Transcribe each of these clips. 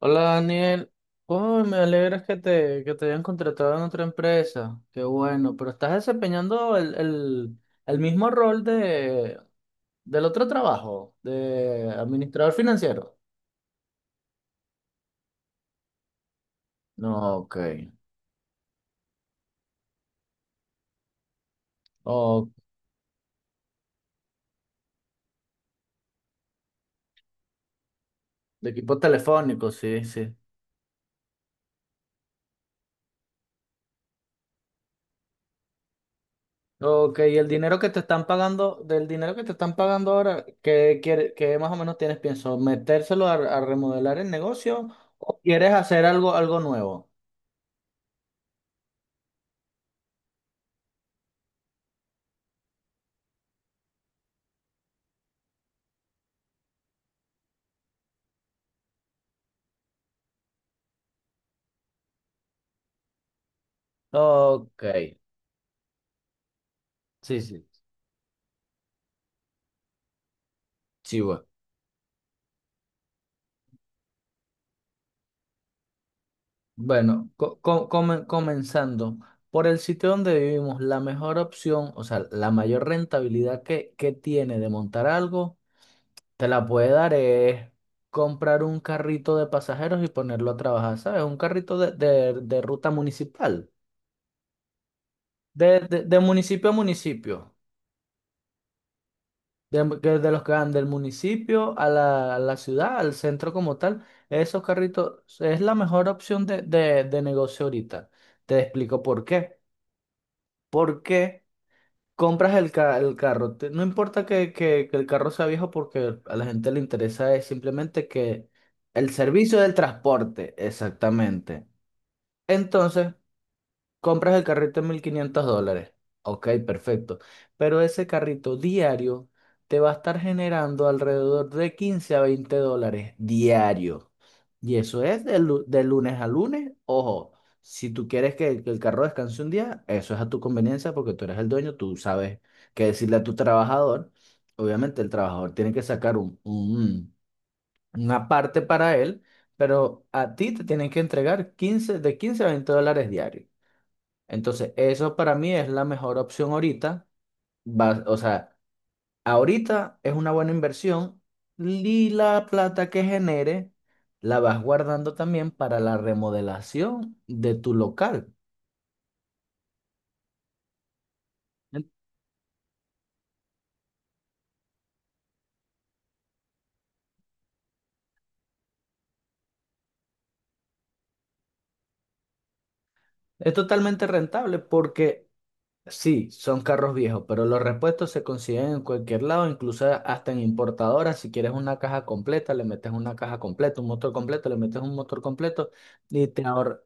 Hola Daniel, oh, me alegra que te hayan contratado en otra empresa, qué bueno, pero estás desempeñando el mismo rol del otro trabajo, de administrador financiero. No, ok, o de equipo telefónico, sí, sí. Ok, y el dinero que te están pagando, del dinero que te están pagando ahora, ¿qué más o menos tienes pienso? ¿Metérselo a remodelar el negocio o quieres hacer algo nuevo? Ok, sí, sí. Sí, bueno. Bueno, comenzando por el sitio donde vivimos, la mejor opción, o sea, la mayor rentabilidad que tiene de montar algo, te la puede dar es comprar un carrito de pasajeros y ponerlo a trabajar, ¿sabes? Un carrito de ruta municipal, de municipio a municipio, de los que van del municipio a la ciudad, al centro como tal, esos carritos es la mejor opción de negocio ahorita. Te explico por qué. ¿Por qué? Compras el carro. No importa que el carro sea viejo porque a la gente le interesa es simplemente que el servicio del transporte, exactamente. Entonces, compras el carrito en $1.500. Ok, perfecto. Pero ese carrito diario te va a estar generando alrededor de 15 a 20 dólares diario. Y eso es de lunes a lunes. Ojo, si tú quieres que el carro descanse un día, eso es a tu conveniencia porque tú eres el dueño, tú sabes qué decirle a tu trabajador. Obviamente el trabajador tiene que sacar una parte para él, pero a ti te tienen que entregar 15 a 20 dólares diarios. Entonces, eso para mí es la mejor opción ahorita. O sea, ahorita es una buena inversión y la plata que genere la vas guardando también para la remodelación de tu local. En- Es totalmente rentable porque sí, son carros viejos, pero los repuestos se consiguen en cualquier lado, incluso hasta en importadoras. Si quieres una caja completa, le metes una caja completa, un motor completo, le metes un motor completo y te ahorras.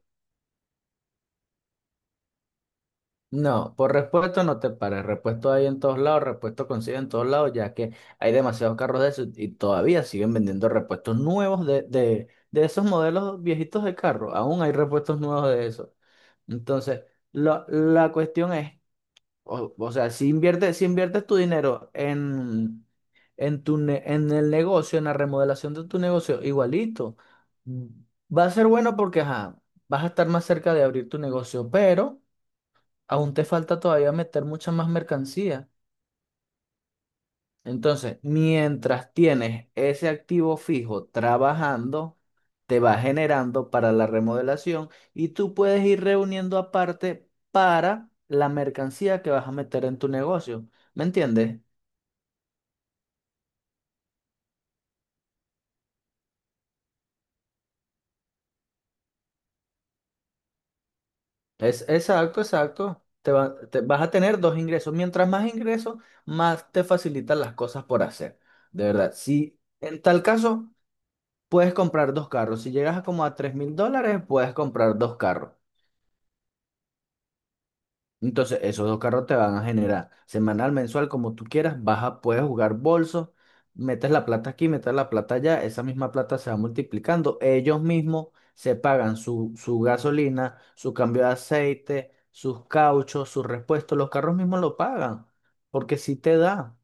No, por repuesto no te pares. Repuesto hay en todos lados, repuesto consigue en todos lados, ya que hay demasiados carros de esos y todavía siguen vendiendo repuestos nuevos de esos modelos viejitos de carro. Aún hay repuestos nuevos de esos. Entonces, la cuestión es, o sea, si inviertes tu dinero en el negocio, en la remodelación de tu negocio, igualito, va a ser bueno porque ajá, vas a estar más cerca de abrir tu negocio, pero aún te falta todavía meter mucha más mercancía. Entonces, mientras tienes ese activo fijo trabajando, te va generando para la remodelación y tú puedes ir reuniendo aparte para la mercancía que vas a meter en tu negocio. ¿Me entiendes? Es exacto, exacto. Vas a tener dos ingresos. Mientras más ingresos, más te facilitan las cosas por hacer. De verdad, si en tal caso, puedes comprar dos carros. Si llegas a como a $3.000, puedes comprar dos carros. Entonces, esos dos carros te van a generar semanal, mensual, como tú quieras. Puedes jugar bolsos, metes la plata aquí, metes la plata allá. Esa misma plata se va multiplicando. Ellos mismos se pagan su gasolina, su cambio de aceite, sus cauchos, sus repuestos. Los carros mismos lo pagan porque sí te da.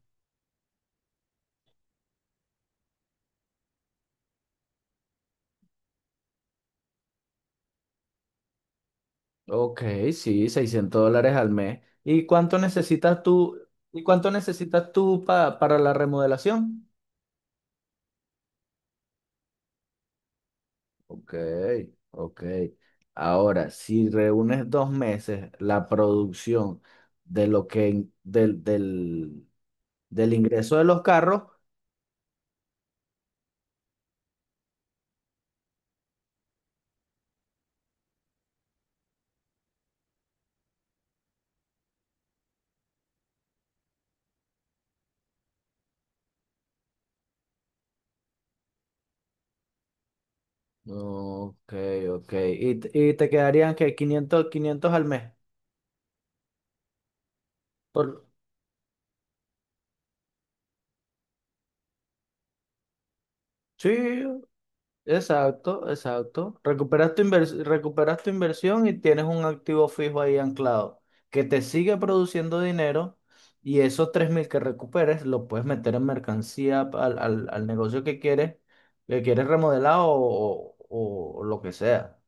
Ok, sí, $600 al mes. ¿Y cuánto necesitas tú? ¿Y cuánto necesitas tú para la remodelación? Ok, ok. Ahora, si reúnes 2 meses la producción de lo que del ingreso de los carros. Ok, ok. Y te quedarían que quinientos al mes. Por, sí, exacto, exacto. Recuperas tu inversión y tienes un activo fijo ahí anclado que te sigue produciendo dinero y esos 3.000 que recuperes lo puedes meter en mercancía al negocio que quieres remodelar o lo que sea.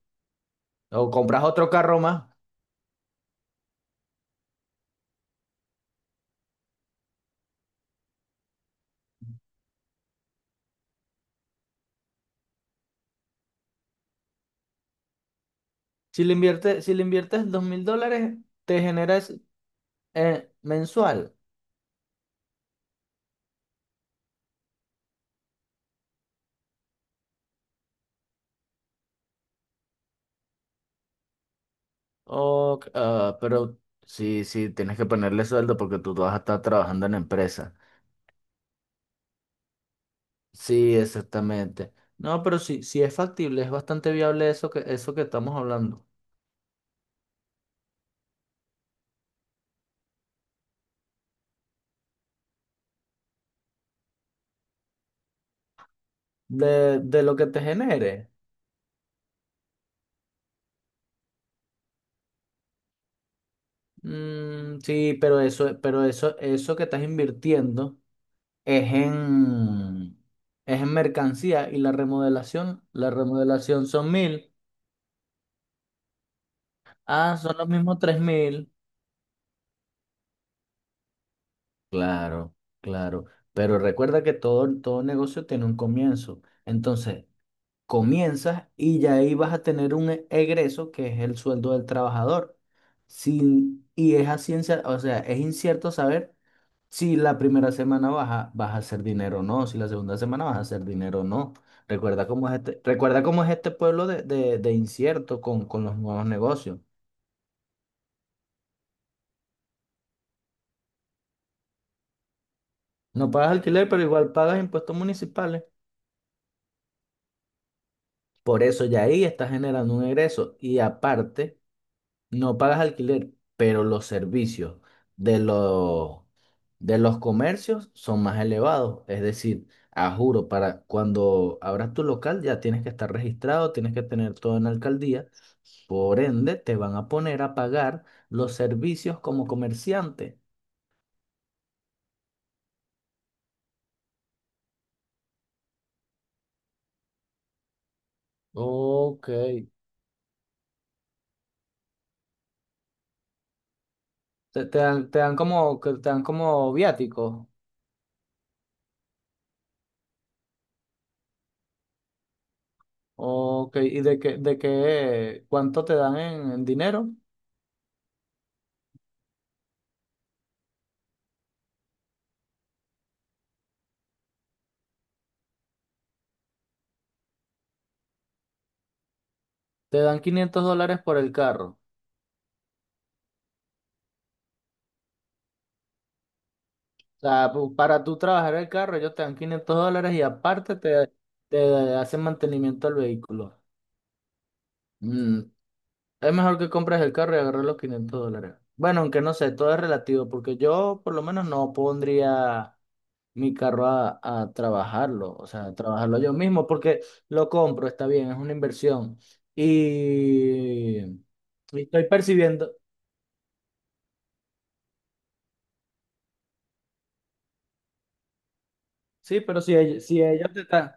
O compras otro carro más. Si le inviertes $2.000, te generas mensual. Ok, ah, pero sí, sí, tienes que ponerle sueldo porque tú vas a estar trabajando en empresa. Sí, exactamente. No, pero sí, sí es factible, es bastante viable eso que estamos hablando. De lo que te genere. Mm, sí, pero eso que estás invirtiendo es en, es en mercancía y la remodelación son 1.000. Ah, son los mismos 3.000. Claro, claro. Pero recuerda que todo negocio tiene un comienzo. Entonces, comienzas y ya ahí vas a tener un egreso que es el sueldo del trabajador. Sin, y es a ciencia, o sea, es incierto saber si la primera semana vas a hacer dinero o no, si la segunda semana vas a hacer dinero o no. Recuerda cómo es este pueblo de incierto con los nuevos negocios. No pagas alquiler, pero igual pagas impuestos municipales. Por eso ya ahí estás generando un egreso. Y aparte, no pagas alquiler, pero los servicios de los de los comercios son más elevados. Es decir, a juro, para cuando abras tu local ya tienes que estar registrado, tienes que tener todo en la alcaldía. Por ende, te van a poner a pagar los servicios como comerciante. Ok. Que te dan como viáticos. Ok, ¿y cuánto te dan en dinero? Te dan $500 por el carro. Sea, para tú trabajar el carro, ellos te dan $500 y aparte te hacen mantenimiento al vehículo. Mm, Es mejor que compres el carro y agarres los $500. Bueno, aunque no sé, todo es relativo, porque yo por lo menos no pondría mi carro a trabajarlo, o sea, a trabajarlo yo mismo, porque lo compro, está bien, es una inversión. Y, y estoy percibiendo, sí, pero si ellos te están.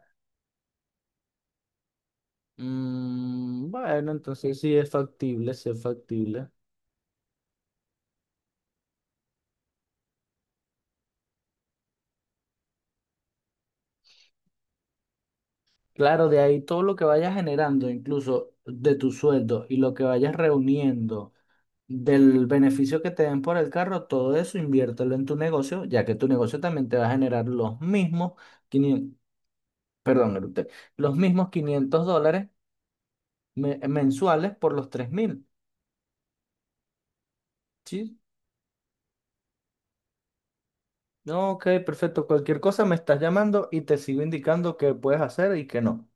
Bueno, entonces sí es factible, sí es factible. Claro, de ahí todo lo que vayas generando, incluso de tu sueldo y lo que vayas reuniendo, del beneficio que te den por el carro, todo eso inviértelo en tu negocio, ya que tu negocio también te va a generar los mismos 500, perdón, eructé, los mismos $500 mensuales por los 3.000, ¿sí? No, ok, perfecto. Cualquier cosa me estás llamando y te sigo indicando qué puedes hacer y qué no.